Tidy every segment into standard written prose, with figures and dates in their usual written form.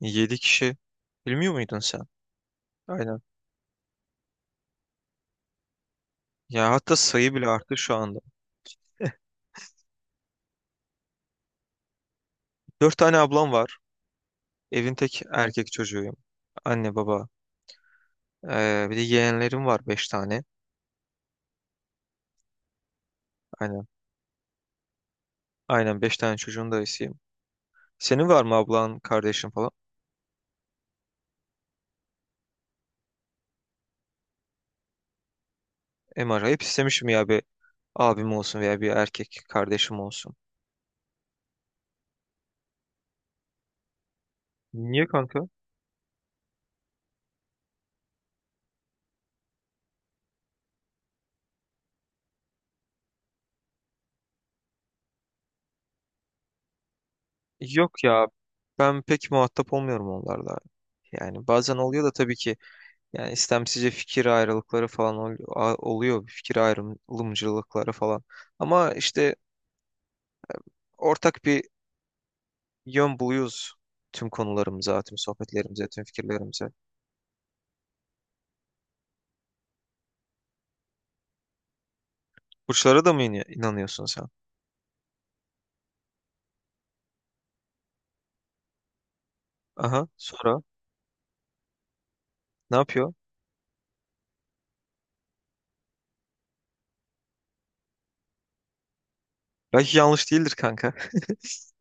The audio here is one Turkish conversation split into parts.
7 kişi. Bilmiyor muydun sen? Aynen. Ya hatta sayı bile arttı şu anda. Dört tane ablam var. Evin tek erkek çocuğuyum. Anne baba. Bir de yeğenlerim var, beş tane. Aynen. Aynen, beş tane çocuğun dayısıyım. Senin var mı ablan, kardeşin falan? Acayip istemişim ya bir abim olsun veya bir erkek kardeşim olsun. Niye kanka? Yok ya. Ben pek muhatap olmuyorum onlarla. Yani bazen oluyor da tabii ki. Yani istemsizce fikir ayrılıkları falan oluyor. Fikir ayrılımcılıkları falan. Ama işte ortak bir yön buluyoruz tüm konularımıza, tüm sohbetlerimize, tüm fikirlerimize. Burçlara da mı inanıyorsun sen? Aha, sonra ne yapıyor? Belki yanlış değildir kanka.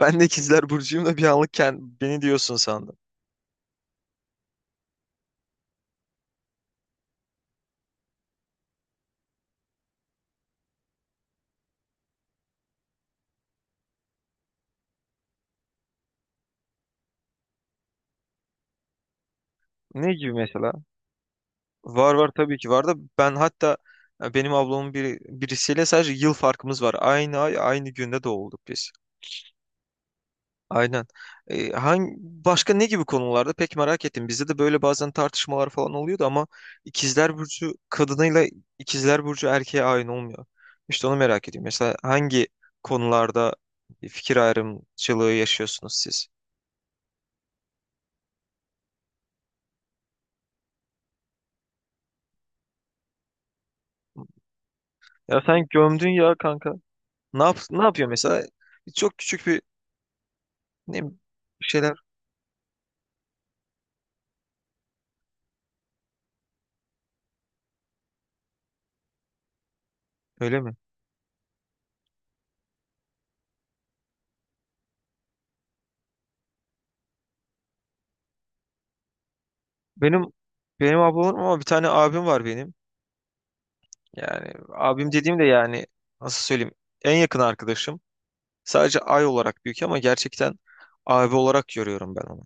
Ben de ikizler burcuyum da bir anlık beni diyorsun sandım. Ne gibi mesela? Var, var tabii ki var da ben hatta, benim ablamın biri, birisiyle sadece yıl farkımız var. Aynı ay aynı günde doğulduk biz. Aynen. Hangi başka ne gibi konularda pek merak ettim. Bizde de böyle bazen tartışmalar falan oluyordu ama ikizler burcu kadınıyla ikizler burcu erkeğe aynı olmuyor. İşte onu merak ediyorum. Mesela hangi konularda fikir ayrımcılığı yaşıyorsunuz siz? Ya sen gömdün ya kanka. Ne yapıyor mesela? Çok küçük bir, ne bileyim, şeyler. Öyle mi? Benim benim ablam ama bir tane abim var benim. Yani abim dediğim de, yani, nasıl söyleyeyim? En yakın arkadaşım. Sadece ay olarak büyük ama gerçekten abi olarak görüyorum ben onu.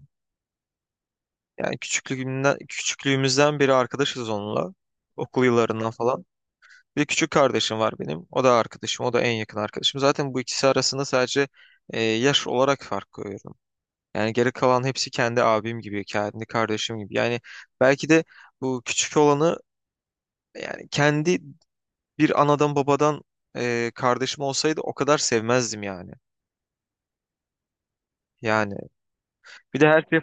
Yani küçüklüğümden, küçüklüğümüzden beri arkadaşız onunla. Okul yıllarından falan. Bir küçük kardeşim var benim. O da arkadaşım. O da en yakın arkadaşım. Zaten bu ikisi arasında sadece yaş olarak fark koyuyorum. Yani geri kalan hepsi kendi abim gibi, kendi kardeşim gibi. Yani belki de bu küçük olanı, yani kendi bir anadan babadan kardeşim olsaydı o kadar sevmezdim yani. Yani bir de her şey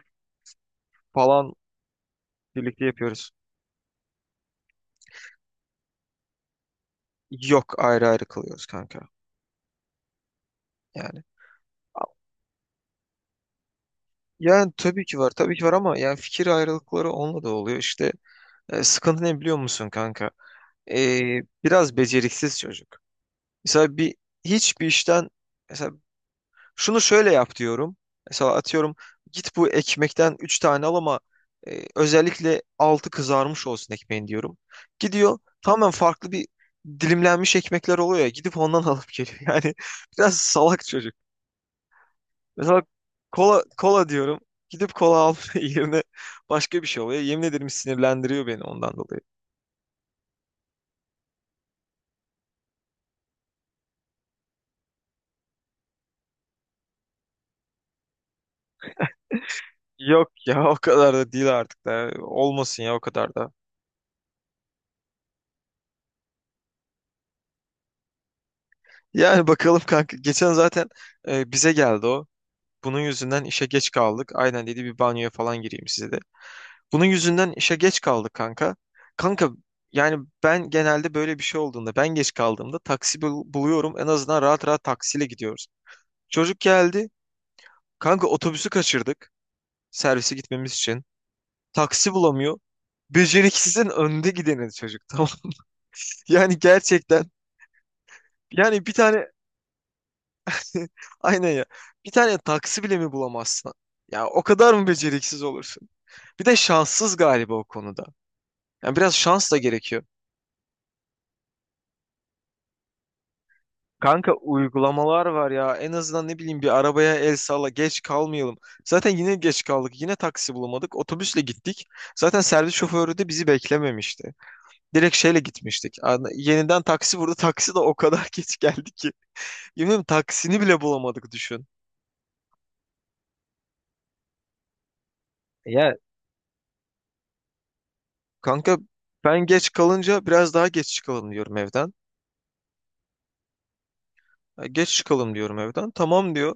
falan birlikte yapıyoruz. Yok, ayrı ayrı kılıyoruz kanka. Yani yani tabii ki var, tabii ki var ama yani fikir ayrılıkları onunla da oluyor. İşte, sıkıntı ne biliyor musun kanka? Biraz beceriksiz çocuk. Mesela hiçbir işten, mesela şunu şöyle yap diyorum. Mesela atıyorum git bu ekmekten 3 tane al ama özellikle altı kızarmış olsun ekmeğin diyorum. Gidiyor, tamamen farklı bir dilimlenmiş ekmekler oluyor ya, gidip ondan alıp geliyor. Yani biraz salak çocuk. Mesela kola, kola diyorum. Gidip kola alma yerine başka bir şey oluyor. Yemin ederim sinirlendiriyor beni ondan dolayı. Yok ya, o kadar da değil artık da. Olmasın ya, o kadar da. Yani bakalım kanka. Geçen zaten bize geldi o. Bunun yüzünden işe geç kaldık. Aynen dedi, bir banyoya falan gireyim size de. Bunun yüzünden işe geç kaldık kanka. Kanka, yani ben genelde böyle bir şey olduğunda, ben geç kaldığımda taksi buluyorum. En azından rahat rahat taksiyle gidiyoruz. Çocuk geldi. Kanka, otobüsü kaçırdık, servise gitmemiz için. Taksi bulamıyor. Beceriksizin önde gideni çocuk, tamam. Yani gerçekten, yani bir tane... aynen ya. Bir tane taksi bile mi bulamazsın? Ya o kadar mı beceriksiz olursun? Bir de şanssız galiba o konuda. Yani biraz şans da gerekiyor. Kanka, uygulamalar var ya. En azından ne bileyim, bir arabaya el salla, geç kalmayalım. Zaten yine geç kaldık. Yine taksi bulamadık. Otobüsle gittik. Zaten servis şoförü de bizi beklememişti. Direkt şeyle gitmiştik. Yeniden taksi vurdu. Taksi de o kadar geç geldi ki. Yemin ederim taksini bile bulamadık, düşün. Ya, kanka, ben geç kalınca biraz daha geç çıkalım diyorum evden. Ya, geç çıkalım diyorum evden. Tamam diyor.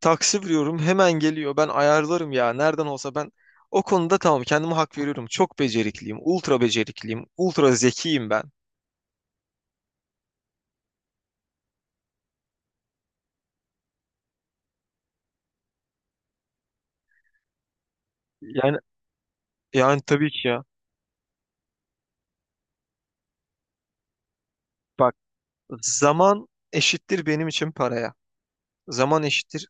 Taksi vuruyorum, hemen geliyor. Ben ayarlarım ya, nereden olsa ben o konuda tamam, kendime hak veriyorum. Çok becerikliyim. Ultra becerikliyim. Ultra zekiyim ben. yani Yani tabii ki ya. Bak, zaman eşittir benim için paraya. Zaman eşittir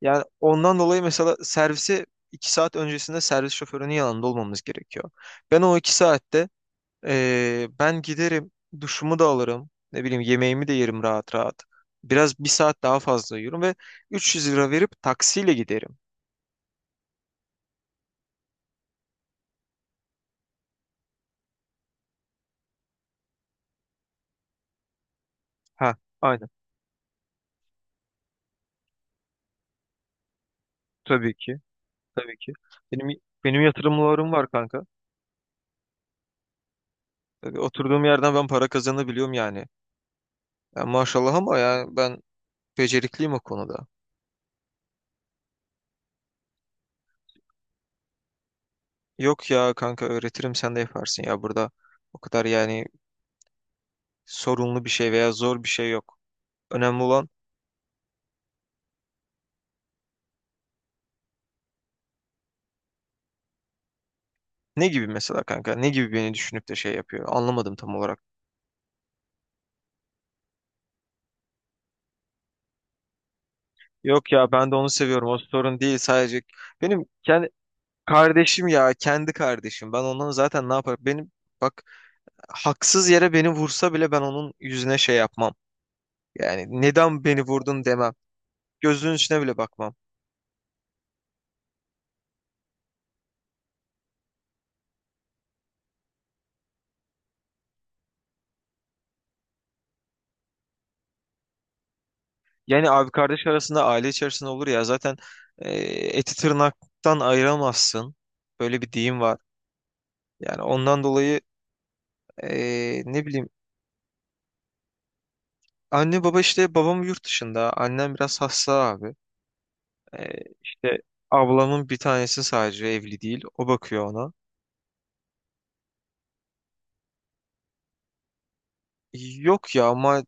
Yani ondan dolayı mesela, servise 2 saat öncesinde servis şoförünün yanında olmamız gerekiyor. Ben o 2 saatte, ben giderim, duşumu da alırım, ne bileyim yemeğimi de yerim rahat rahat. Biraz bir saat daha fazla yiyorum ve 300 lira verip taksiyle giderim. Ha, aynen. Tabii ki, tabii ki. Benim benim yatırımlarım var kanka. Tabii oturduğum yerden ben para kazanabiliyorum yani. Ya maşallah ama ya, ben becerikliyim o konuda. Yok ya kanka, öğretirim sen de yaparsın ya burada. O kadar yani sorunlu bir şey veya zor bir şey yok. Önemli olan... Ne gibi mesela kanka? Ne gibi beni düşünüp de şey yapıyor? Anlamadım tam olarak. Yok ya, ben de onu seviyorum. O sorun değil sadece. Benim kendi kardeşim ya, kendi kardeşim. Ben ondan zaten ne yaparım? Benim, bak, haksız yere beni vursa bile ben onun yüzüne şey yapmam. Yani neden beni vurdun demem. Gözünün içine bile bakmam. Yani abi kardeş arasında, aile içerisinde olur ya zaten, e, eti tırnaktan ayıramazsın. Böyle bir deyim var. Yani ondan dolayı... Ne bileyim, anne baba işte, babam yurt dışında, annem biraz hasta abi, işte ablamın bir tanesi sadece evli değil, o bakıyor ona. Yok ya ama,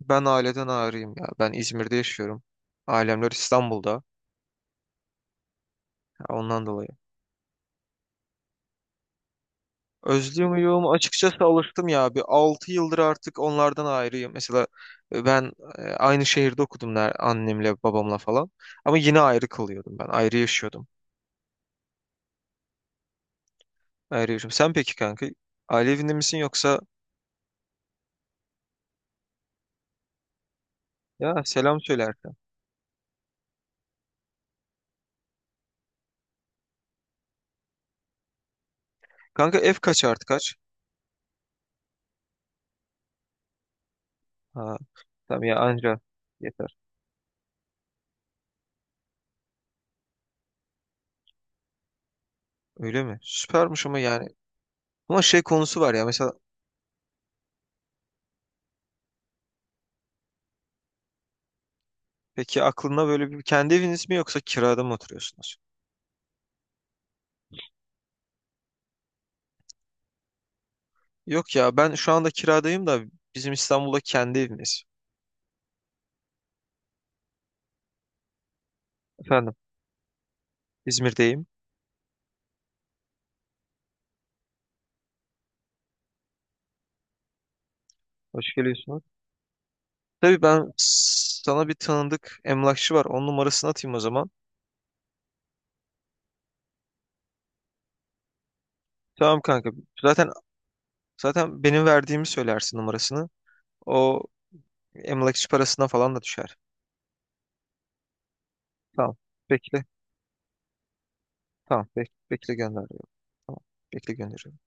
ben aileden ayrıyım ya, ben İzmir'de yaşıyorum, ailemler İstanbul'da, ya ondan dolayı... Özlüyor muyum? Açıkçası alıştım ya, bir 6 yıldır artık onlardan ayrıyım mesela. Ben aynı şehirde okudum annemle babamla falan, ama yine ayrı kalıyordum, ben ayrı yaşıyordum, ayrı yaşıyordum. Sen peki kanka, aile evinde misin yoksa... Ya selam söyle Erkan. Kanka F kaç artı kaç? Ha tamam ya, anca yeter. Öyle mi? Süpermiş ama yani. Ama şey konusu var ya mesela... Peki aklında böyle bir kendi eviniz mi yoksa kirada mı oturuyorsunuz? Yok ya, ben şu anda kiradayım da bizim İstanbul'da kendi evimiz. Efendim? İzmir'deyim. Hoş geliyorsunuz. Tabii, ben sana bir tanıdık emlakçı var. Onun numarasını atayım o zaman. Tamam kanka. Zaten zaten benim verdiğimi söylersin numarasını. O emlakçı parasına falan da düşer. Tamam. Bekle. Tamam, bekle gönderiyorum. Tamam, bekle gönderiyorum.